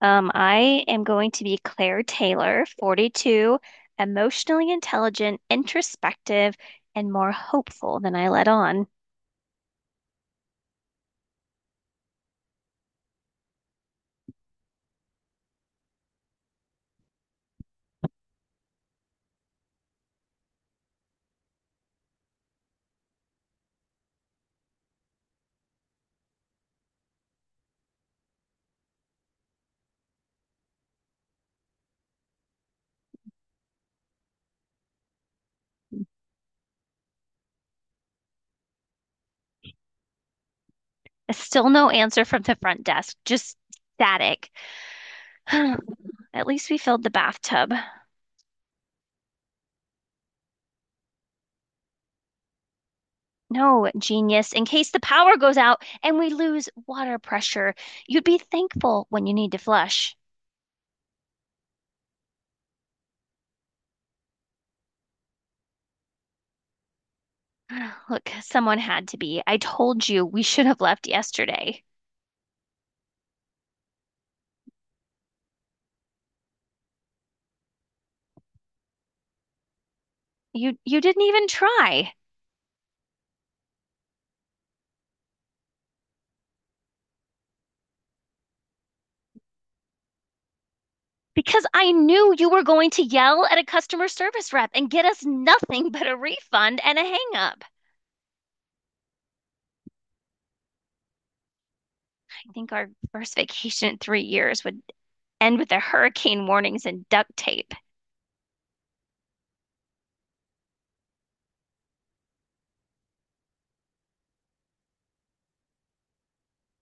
I am going to be Claire Taylor, 42, emotionally intelligent, introspective, and more hopeful than I let on. Still no answer from the front desk, just static. At least we filled the bathtub. No, genius, in case the power goes out and we lose water pressure, you'd be thankful when you need to flush. Look, someone had to be. I told you we should have left yesterday. You didn't even try because I knew you were going to yell at a customer service rep and get us nothing but a refund and a hang up. I think our first vacation in 3 years would end with the hurricane warnings and duct tape.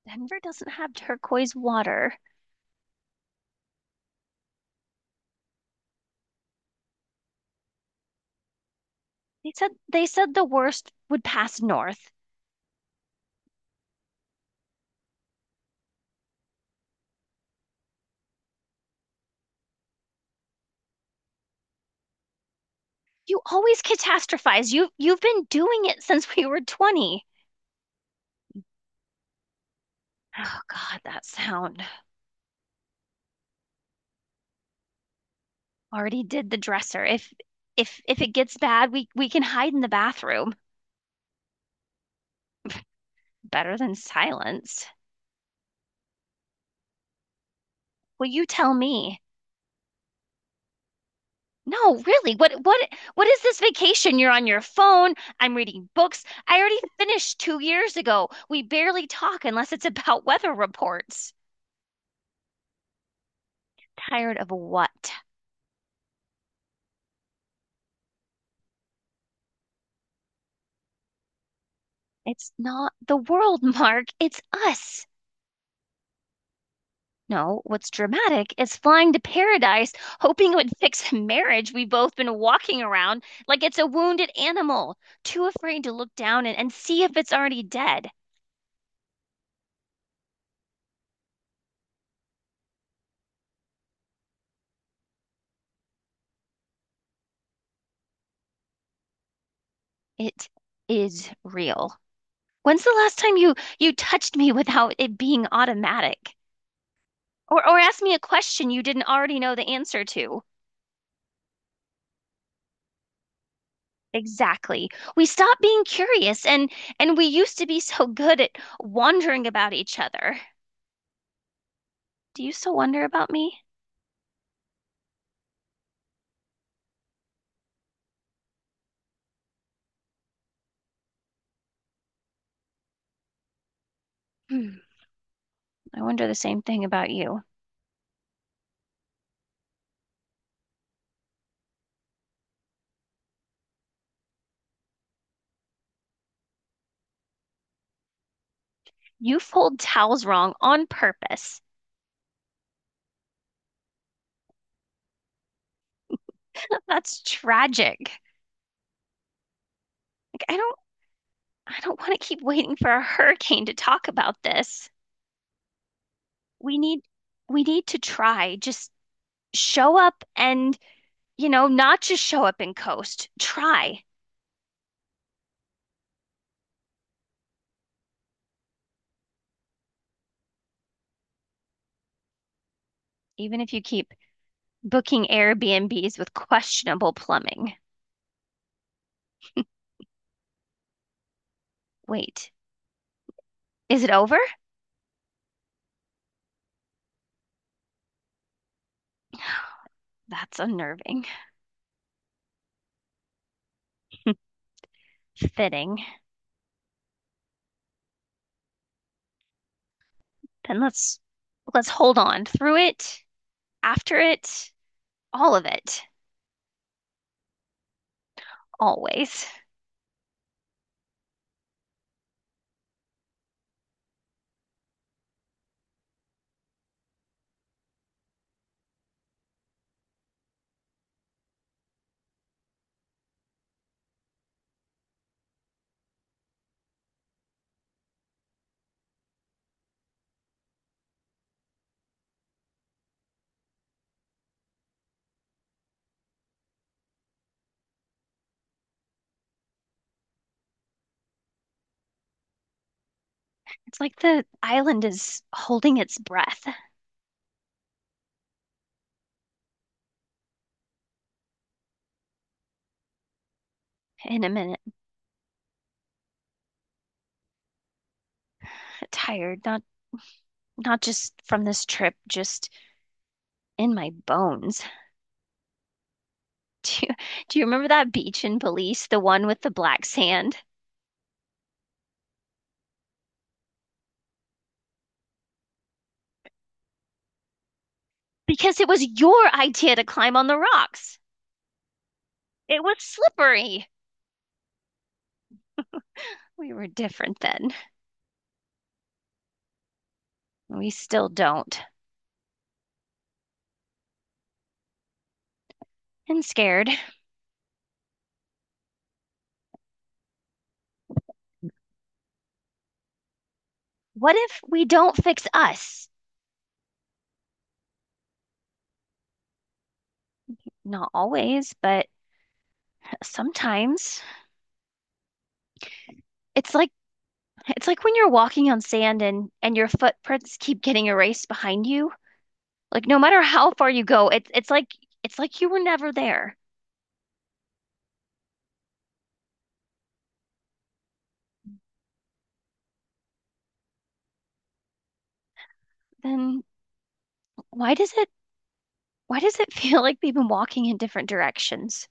Denver doesn't have turquoise water. They said the worst would pass north. You always catastrophize. You've been doing it since we were 20. Oh God, that sound. Already did the dresser. If it gets bad, we can hide in the bathroom. Better than silence. Well, you tell me. No, really. What is this vacation? You're on your phone. I'm reading books I already finished 2 years ago. We barely talk unless it's about weather reports. Tired of what? It's not the world, Mark. It's us. No, what's dramatic is flying to paradise, hoping it would fix a marriage we've both been walking around like it's a wounded animal, too afraid to look down and, see if it's already dead. It is real. When's the last time you touched me without it being automatic? Or asked me a question you didn't already know the answer to? Exactly. We stopped being curious and we used to be so good at wondering about each other. Do you still wonder about me? Hmm, I wonder the same thing about you. You fold towels wrong on purpose. That's tragic. Like, I don't want to keep waiting for a hurricane to talk about this. we need we need to try. Just show up and, not just show up and coast. Try. Even if you keep booking Airbnbs with questionable plumbing. Wait, is it over? That's unnerving. Fitting. Then let's hold on through it, after it, all of it, always. It's like the island is holding its breath in a minute. I'm tired, not just from this trip, just in my bones. Do you, do you remember that beach in Belize, the one with the black sand? Because it was your idea to climb on the rocks. It was slippery. We were different then. We still don't. And scared. What if we don't fix us? Not always, but sometimes. It's like it's like when you're walking on sand and your footprints keep getting erased behind you. Like no matter how far you go, it's like you were never there. Then why does it why does it feel like we have been walking in different directions?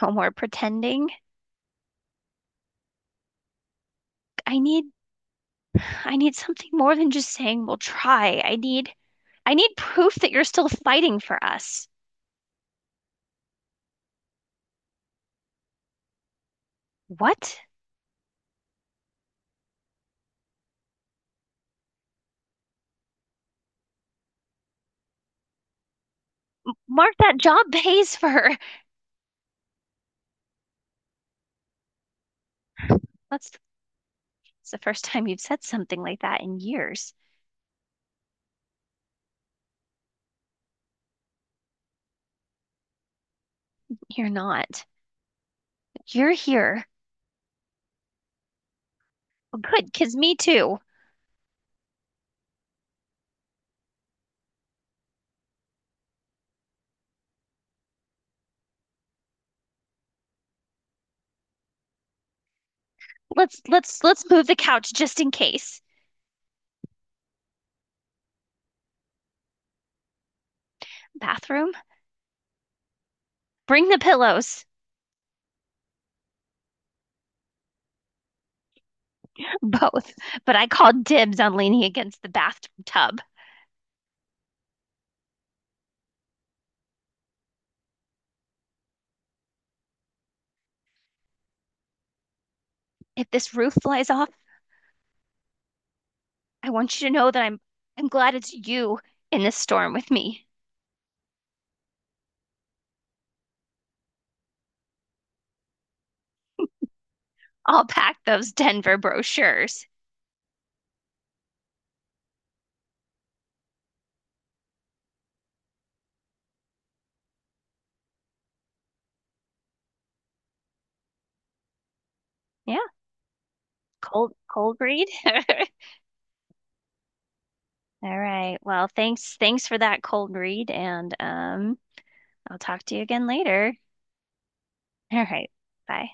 No more pretending. I need I need something more than just saying we'll try. I need proof that you're still fighting for us. What? Mark, that job pays for. That's, that's the first time you've said something like that in years. You're not. You're here. Well, good, 'cause me too. Let's move the couch just in case. Bathroom? Bring the pillows. Both. But I called dibs on leaning against the bathtub. If this roof flies off, I want you to know that I'm glad it's you in this storm with me. I'll pack those Denver brochures. Yeah, cold read. All right. Well, thanks for that cold read, and I'll talk to you again later. All right. Bye.